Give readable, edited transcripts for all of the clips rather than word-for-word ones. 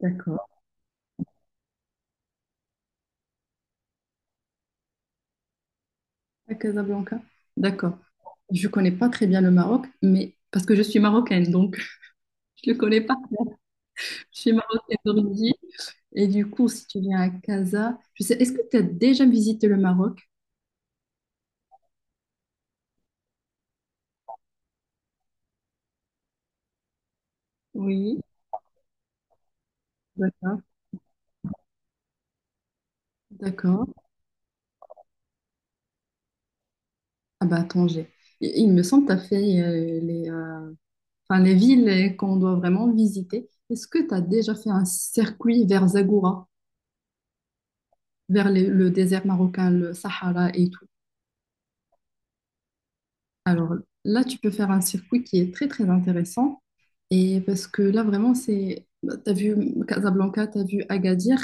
D'accord. À Casablanca. D'accord. Je connais pas très bien le Maroc, mais parce que je suis marocaine, donc je le connais pas. Je suis marocaine d'origine. Et du coup, si tu viens à Casa, je sais, est-ce que tu as déjà visité le Maroc? Oui. D'accord. D'accord. Ah bah Tanger. Il me semble que tu as fait les, enfin, les villes qu'on doit vraiment visiter. Est-ce que tu as déjà fait un circuit vers Zagora, le désert marocain, le Sahara et tout? Alors là, tu peux faire un circuit qui est très très intéressant et parce que là vraiment c'est tu as vu Casablanca, tu as vu Agadir,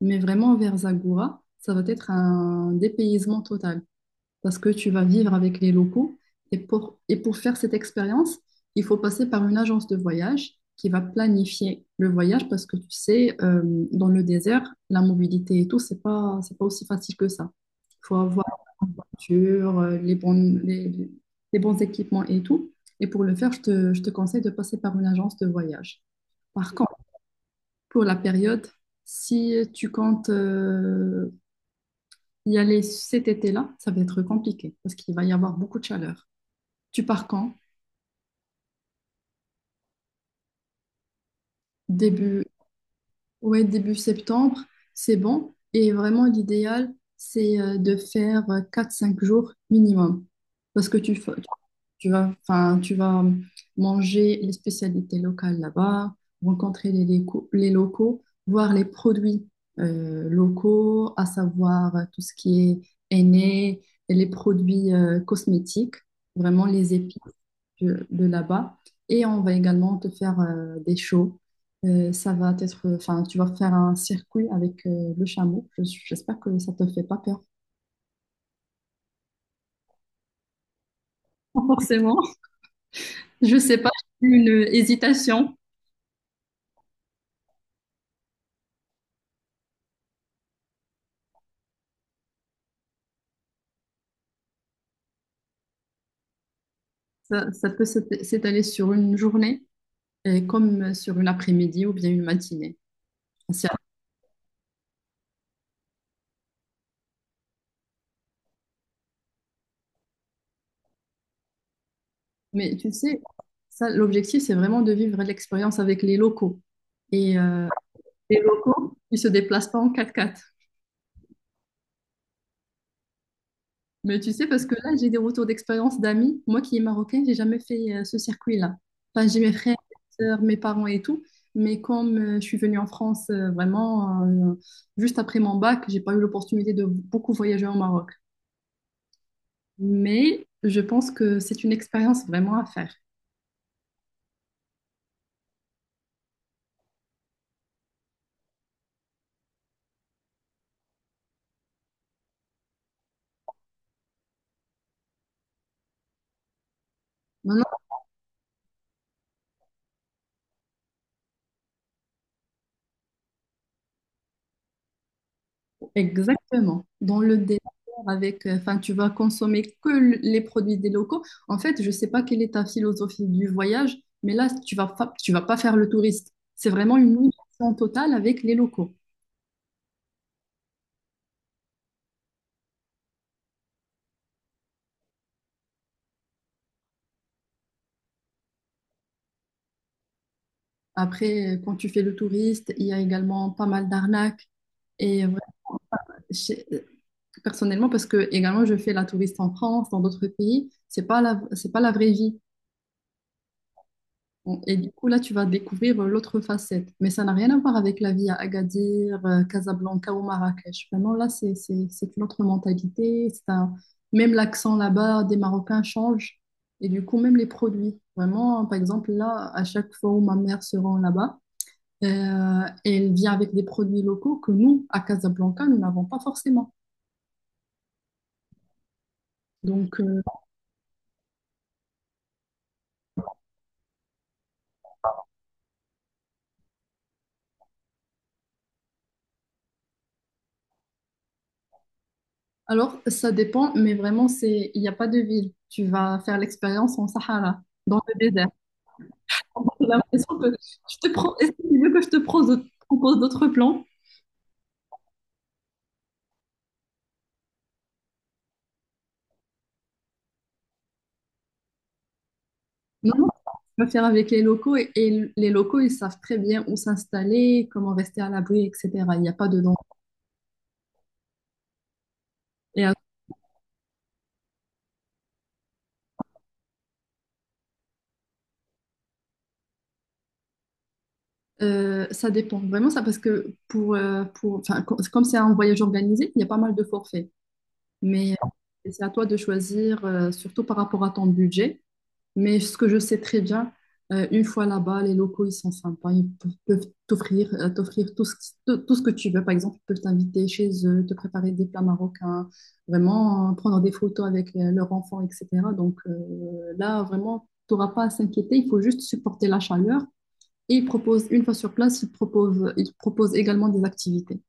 mais vraiment vers Zagora, ça va être un dépaysement total parce que tu vas vivre avec les locaux. Et pour faire cette expérience, il faut passer par une agence de voyage qui va planifier le voyage parce que tu sais, dans le désert, la mobilité et tout, c'est pas aussi facile que ça. Il faut avoir une voiture, les bons équipements et tout. Et pour le faire, je te conseille de passer par une agence de voyage. Par contre, pour la période, si tu comptes y aller cet été-là, ça va être compliqué parce qu'il va y avoir beaucoup de chaleur. Tu pars quand? Début, ouais, début septembre, c'est bon. Et vraiment, l'idéal, c'est de faire 4-5 jours minimum. Parce que tu, fa- Tu vas, enfin, tu vas manger les spécialités locales là-bas, rencontrer les locaux, voir les produits locaux, à savoir tout ce qui est henné, les produits cosmétiques, vraiment les épices de là-bas. Et on va également te faire des shows. Ça va être, enfin, tu vas faire un circuit avec le chameau. J'espère que ça te fait pas peur. Forcément, je sais pas, j'ai eu une hésitation. Ça peut s'étaler sur une journée, et comme sur une après-midi ou bien une matinée. C'est- Mais tu sais, ça, l'objectif, c'est vraiment de vivre l'expérience avec les locaux. Et les locaux, ils se déplacent pas en quatre-quatre. Mais tu sais, parce que là, j'ai des retours d'expérience d'amis. Moi qui est marocaine, j'ai jamais fait ce circuit-là. Enfin, j'ai mes frères, mes sœurs, mes parents et tout. Mais comme je suis venue en France vraiment juste après mon bac, j'ai pas eu l'opportunité de beaucoup voyager au Maroc. Mais je pense que c'est une expérience vraiment à faire. Non, non, exactement. Dans le délire avec, enfin, tu vas consommer que les produits des locaux. En fait, je sais pas quelle est ta philosophie du voyage, mais là, tu vas pas faire le touriste. C'est vraiment une immersion totale avec les locaux. Après, quand tu fais le touriste, il y a également pas mal d'arnaques. Et ouais, j'ai- euh, personnellement, parce que également, je fais la touriste en France, dans d'autres pays, c'est pas la vraie vie. Bon, et du coup, là, tu vas découvrir l'autre facette. Mais ça n'a rien à voir avec la vie à Agadir, Casablanca ou Marrakech. Vraiment, là, c'est une autre mentalité. C'est un... Même l'accent là-bas des Marocains change. Et du coup, même les produits. Vraiment, par exemple, là, à chaque fois où ma mère se rend là-bas, elle vient avec des produits locaux que nous, à Casablanca, nous n'avons pas forcément. Donc, euh, alors, ça dépend, mais vraiment, c'est, il n'y a pas de ville. Tu vas faire l'expérience en Sahara, dans le désert. J'ai l'impression que est-ce que tu veux que je te propose d'autres plans? Non, non, je peux faire avec les locaux et les locaux, ils savent très bien où s'installer, comment rester à l'abri, etc. Il n'y a pas de danger. Et ça dépend vraiment ça parce que pour, enfin, comme c'est un voyage organisé, il y a pas mal de forfaits. Mais c'est à toi de choisir, surtout par rapport à ton budget. Mais ce que je sais très bien, une fois là-bas, les locaux, ils sont sympas. Ils peuvent t'offrir tout ce, tout ce que tu veux. Par exemple, ils peuvent t'inviter chez eux, te préparer des plats marocains, vraiment prendre des photos avec leurs enfants, etc. Là, vraiment, tu n'auras pas à s'inquiéter. Il faut juste supporter la chaleur. Et ils proposent, une fois sur place, ils proposent également des activités.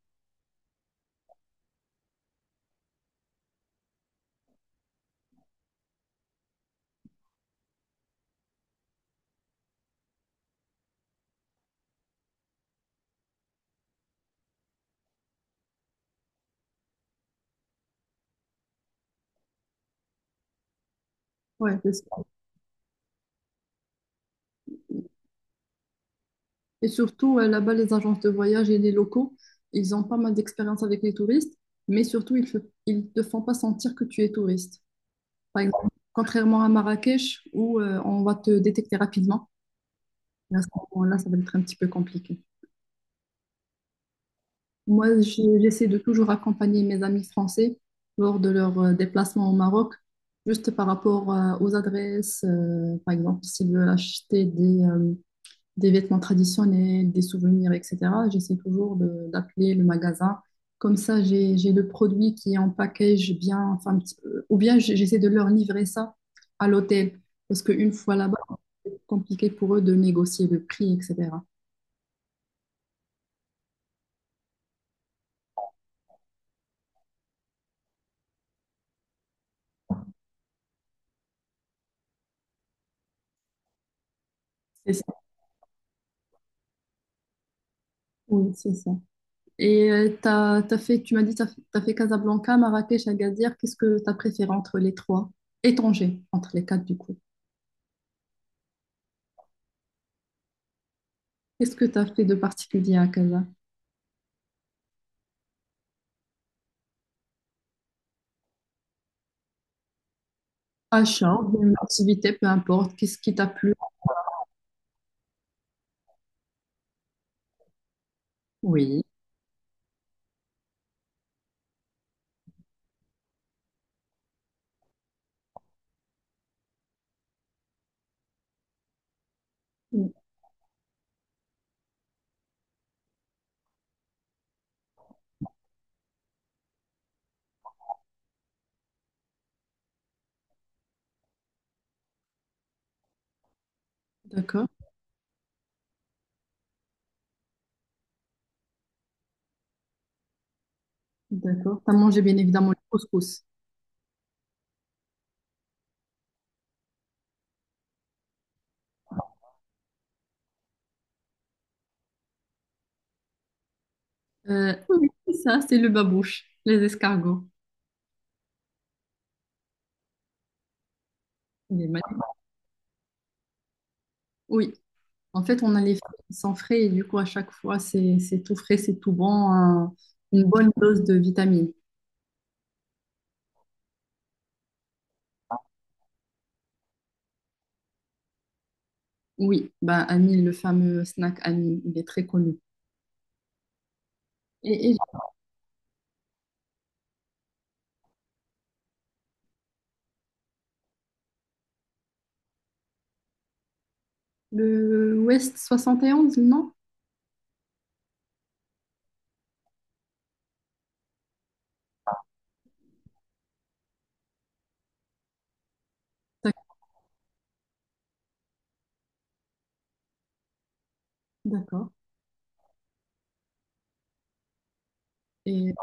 Ouais, c'est et surtout, là-bas, les agences de voyage et les locaux, ils ont pas mal d'expérience avec les touristes, mais surtout, ils ne te font pas sentir que tu es touriste. Par exemple, contrairement à Marrakech, où on va te détecter rapidement, et à ce moment-là, ça va être un petit peu compliqué. Moi, j'essaie de toujours accompagner mes amis français lors de leurs déplacements au Maroc, juste par rapport aux adresses. Par exemple, s'ils veulent acheter des vêtements traditionnels, des souvenirs, etc. J'essaie toujours d'appeler le magasin. Comme ça, j'ai le produit qui est en package bien, enfin, ou bien j'essaie de leur livrer ça à l'hôtel. Parce qu'une fois là-bas, c'est compliqué pour eux de négocier le prix, etc. C'est ça. Oui, c'est ça. Et t'as fait, tu m'as dit, t'as fait Casablanca, Marrakech, Agadir. Qu'est-ce que t'as préféré entre les trois? Et Tanger, entre les quatre, du coup. Qu'est-ce que t'as fait de particulier à Casa? Achat ou bien une activité, peu importe, qu'est-ce qui t'a plu? Oui. Mm. D'accord, d'accord. T'as mangé bien évidemment le couscous. Oui, c'est ça, c'est le babouche, les escargots. Il est magnifique. Oui, en fait, on a les fruits qui sont frais et du coup, à chaque fois, c'est tout frais, c'est tout bon, une bonne dose de vitamines. Oui, bah, Anil, le fameux snack Anil, il est très connu. Et le West 71, non? D'ac- D'accord. Et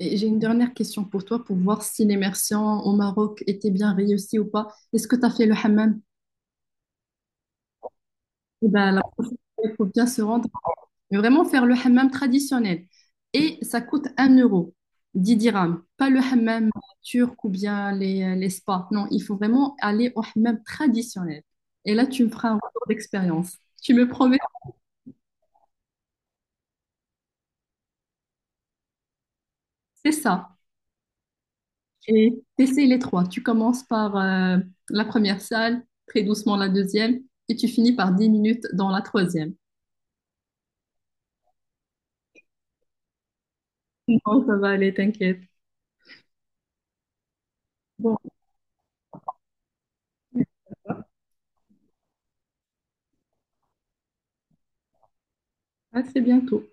Et j'ai une dernière question pour toi pour voir si l'immersion au Maroc était bien réussie ou pas. Est-ce que tu as fait le hammam? Eh ben, la prochaine fois, il faut bien se rendre, mais vraiment faire le hammam traditionnel. Et ça coûte 1 euro, 10 dirhams. Pas le hammam turc ou bien les spas. Non, il faut vraiment aller au hammam traditionnel. Et là, tu me feras un retour d'expérience. Tu me promets, c'est ça. Et t'essayes les trois. Tu commences par la première salle, très doucement la deuxième, et tu finis par 10 minutes dans la troisième. Non, ça va aller, t'inquiète. Bon, à très bientôt.